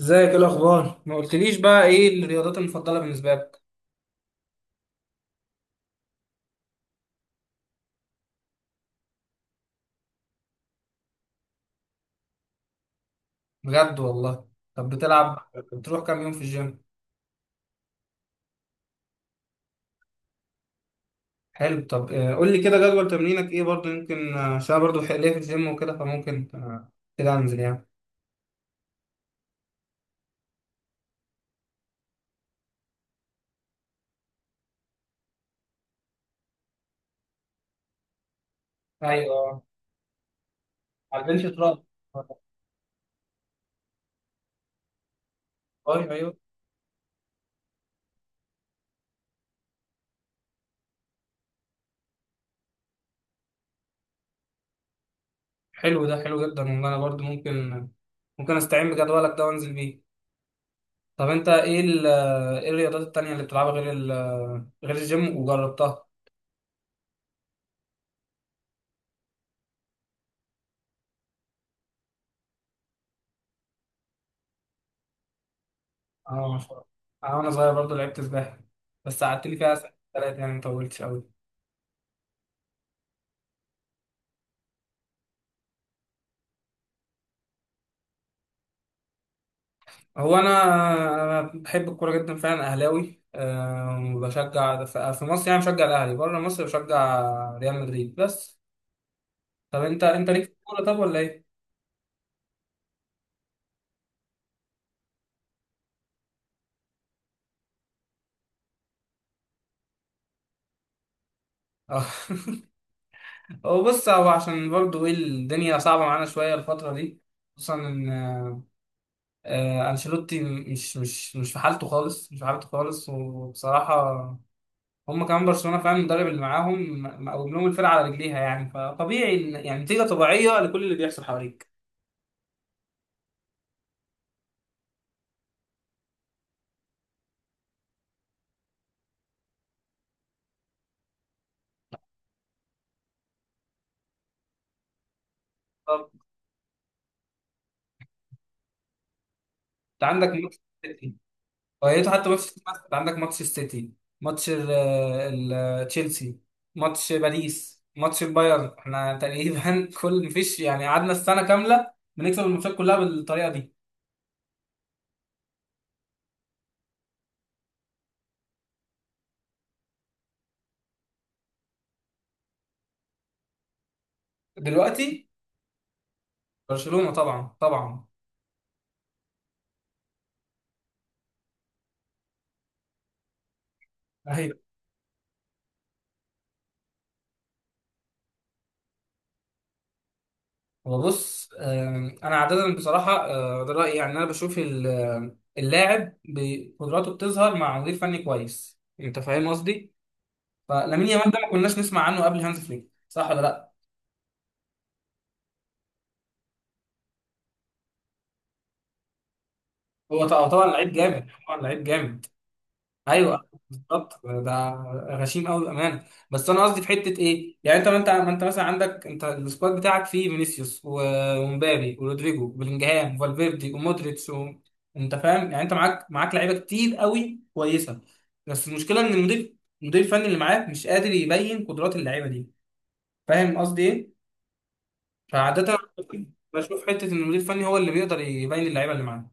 ازيك؟ ايه الاخبار؟ ما قلتليش بقى ايه الرياضات المفضله بالنسبه لك؟ بجد والله. طب بتلعب؟ بتروح كام يوم في الجيم؟ حلو. طب قول لي كده جدول تمرينك ايه؟ برضه يمكن عشان أنا برضه ليا في الجيم وكده، فممكن كده انزل يعني. ايوه، على البنش تراب. ايوه ايوه. حلو، ده حلو جدا والله، انا برضه ممكن ممكن استعين بجدولك ده وانزل بيه. طب انت ايه ايه الرياضات التانية اللي بتلعبها غير غير الجيم وجربتها؟ اه ما شاء الله. انا وانا صغير برضه لعبت سباحه، بس قعدت لي فيها سنه ثلاثه يعني، ما طولتش قوي. هو انا انا بحب الكوره جدا فعلا، اهلاوي، أه. وبشجع في مصر يعني بشجع الاهلي، بره مصر بشجع ريال مدريد بس. طب انت انت ليك في الكوره طب ولا ايه؟ اه. هو بص، هو عشان برضه ايه، الدنيا صعبه معانا شويه الفتره دي، خصوصا ان انشيلوتي مش في حالته خالص، مش في حالته خالص. وبصراحه هم كمان برشلونه فعلا المدرب اللي معاهم مقوم لهم الفرقه على رجليها، يعني فطبيعي يعني نتيجه طبيعية لكل اللي بيحصل حواليك. طب انت عندك ماتش السيتي؟ فايته حتى ماتش؟ انت عندك ماتش السيتي، ماتش تشيلسي، ماتش باريس، ماتش البايرن، احنا تقريبا كل مفيش يعني، قعدنا السنه كامله بنكسب الماتشات كلها بالطريقه دي. دلوقتي برشلونه طبعا طبعا. هو بص، انا عاده بصراحه ده رايي، يعني انا بشوف اللاعب بقدراته بتظهر مع مدير فني كويس، انت فاهم قصدي؟ فلامين يامال ده ما كناش نسمع عنه قبل هانز فليك، صح ولا لا؟ هو طبعا طبعا لعيب جامد، طبعا لعيب جامد. ايوه بالظبط ده، غشيم قوي بامانه. بس انا قصدي في حته ايه؟ يعني انت ما انت ما انت مثلا عندك انت السكواد بتاعك فيه فينيسيوس ومبابي ورودريجو وبلينجهام وفالفيردي ومودريتش و... انت فاهم يعني؟ انت معاك لعيبه كتير قوي كويسه، بس المشكله ان المدير الفني اللي معاك مش قادر يبين قدرات اللعيبه دي، فاهم قصدي ايه؟ فعاده بشوف حته ان المدير الفني هو اللي بيقدر يبين اللعيبه اللي معاه.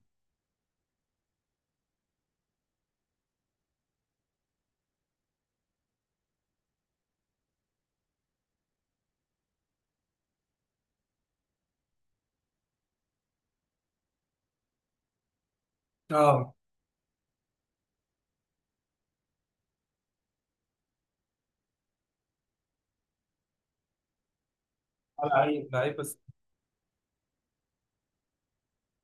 اه. لعيب لعيب.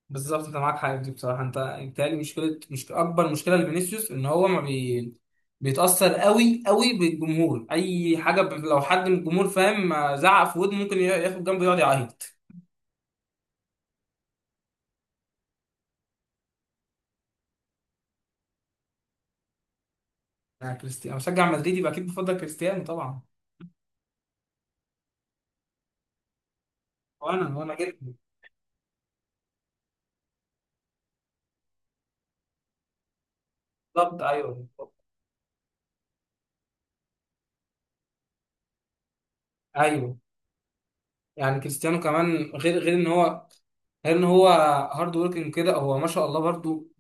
بالظبط، انت معاك حاجه دي بصراحه، انت بيتهيألي مشكله، مش اكبر مشكله لفينيسيوس ان هو ما بي... بيتاثر قوي قوي بالجمهور، اي حاجه لو حد من الجمهور فاهم ما زعق في ودنه، ممكن ياخد جنبه يقعد يعيط. انا كريستيانو، انا بشجع مدريد يبقى اكيد بفضل كريستيانو طبعا. وانا وانا جدا، بالظبط ايوه بالظبط. ايوه، يعني كريستيانو كمان، غير ان هو، غير ان هو هارد وركينج كده، هو ما شاء الله برضو،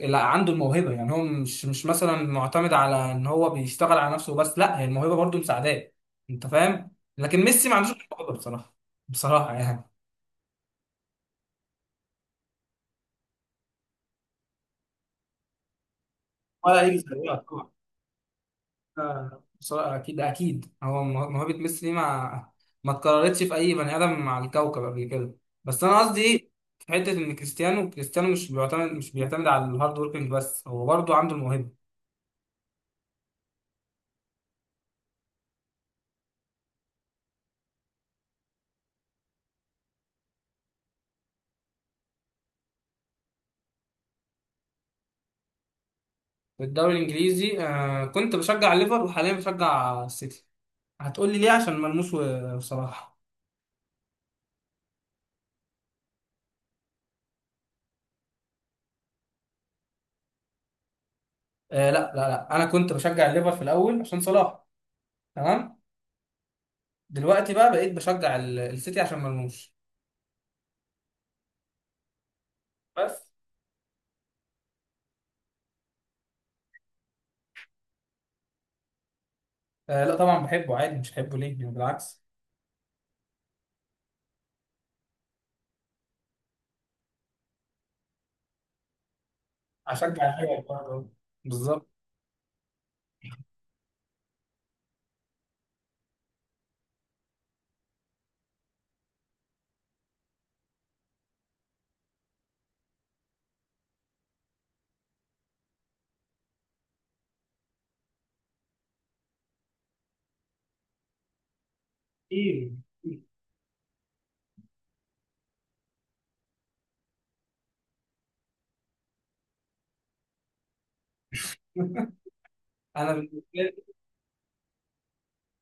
لا عنده الموهبه. يعني هو مش مثلا معتمد على ان هو بيشتغل على نفسه بس، لا، هي الموهبه برضه مساعداه، انت فاهم؟ لكن ميسي ما عندوش الموهبه بصراحه، بصراحه يعني. ولا هيجي زيها طبعا، بصراحه اكيد اكيد هو موهبه ميسي دي ما اتكررتش في اي بني ادم على الكوكب قبل كده. بس انا قصدي ايه؟ في حته ان كريستيانو، كريستيانو مش بيعتمد على الهارد وركينج بس، هو برضه عنده الموهبه. في الدوري الانجليزي، آه كنت بشجع ليفر، وحاليا بشجع السيتي. هتقول لي ليه؟ عشان ملموس وصلاح. آه لا لا لا، انا كنت بشجع الليفر في الاول عشان صلاح، تمام. دلوقتي بقى بقيت بشجع السيتي عشان ملموس بس. آه لا طبعا بحبه عادي، مش بحبه ليه يعني؟ بالعكس. هشجع الحاجه برضه. بالظبط. ايه. انا بالنسبه لي،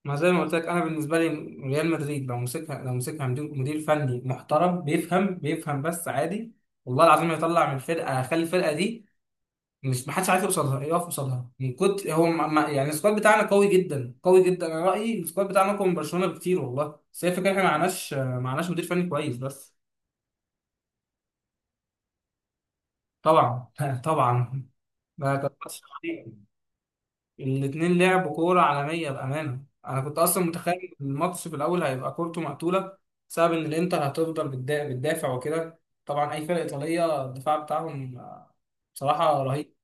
ما زي ما قلت لك، انا بالنسبه لي، ريال مدريد لو مسكها، لو مسكها مدير، مدير فني محترم بيفهم، بيفهم بس عادي، والله العظيم هيطلع من الفرقه، هيخلي الفرقه دي مش، محدش عارف يوصل لها يقف قصادها. من كنت هو يعني السكواد بتاعنا قوي جدا قوي جدا، انا رايي السكواد بتاعنا اقوى من برشلونه بكتير والله، بس هي الفكره احنا ما معناش مدير فني كويس بس. طبعا طبعا. ما كان ماتش، الاثنين لعبوا كوره عالميه بامانه. انا كنت اصلا متخيل الماتش في الاول هيبقى كورته مقتوله بسبب ان الانتر هتفضل بتدافع وكده، طبعا اي فرقه ايطاليه الدفاع بتاعهم بصراحه رهيب.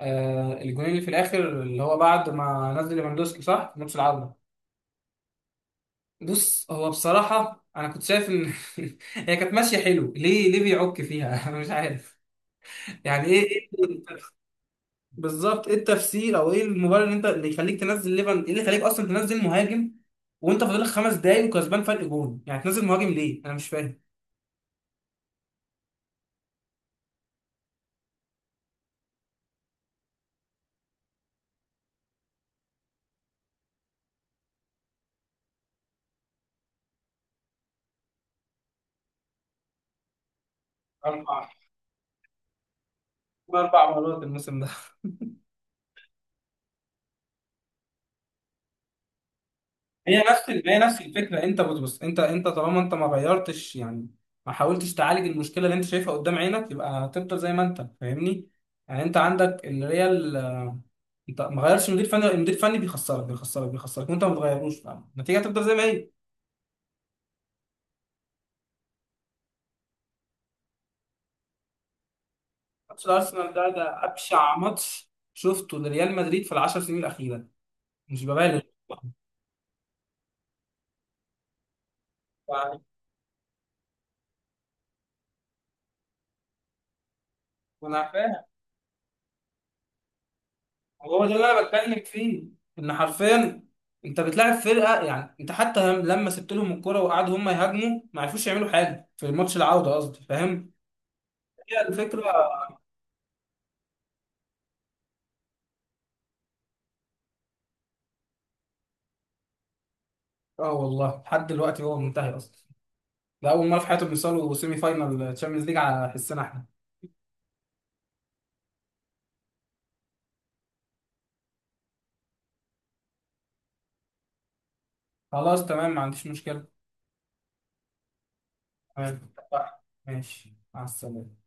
آه الجونين اللي في الاخر، اللي هو بعد ما نزل ليفاندوسكي، صح، في نص العوده. بص، هو بصراحه انا كنت شايف ان هي كانت ماشيه حلو، ليه ليه بيعك فيها؟ انا مش عارف. يعني ايه، بالظبط ايه التفسير او ايه المبرر اللي انت، اللي يخليك تنزل ليفان؟ ايه اللي يخليك اصلا تنزل مهاجم وانت فاضلك 5 دقايق وكسبان فرق جون؟ يعني تنزل مهاجم ليه؟ انا مش فاهم. اربع، 4 مرات الموسم ده. هي نفس هي نفس الفكره. انت بص بص، انت، انت طالما انت ما غيرتش يعني، ما حاولتش تعالج المشكله اللي انت شايفها قدام عينك، يبقى هتفضل زي ما انت، فاهمني؟ يعني انت عندك اللي هي انت ما غيرش مدير فني، المدير الفني بيخسرك بيخسرك بيخسرك وانت ما بتغيروش، فالنتيجه هتفضل زي ما هي. ماتش الارسنال ده، ده ابشع ماتش شفته لريال مدريد في 10 سنين الاخيره، مش ببالغ. ف- انا فاهم، هو ده اللي انا بتكلم فيه، ان حرفيا انت بتلاعب فرقه، يعني انت حتى لما سبت لهم الكرة وقعدوا هم يهاجموا، ما عرفوش يعملوا حاجه في الماتش العوده قصدي، فاهم؟ هي الفكره. اه والله لحد دلوقتي هو منتهي اصلا، ده اول مره في حياتهم يوصلوا سيمي فاينال تشامبيونز ليج على حسنا احنا. خلاص تمام، ما عنديش مشكله. تمام، ماشي، مع السلامه.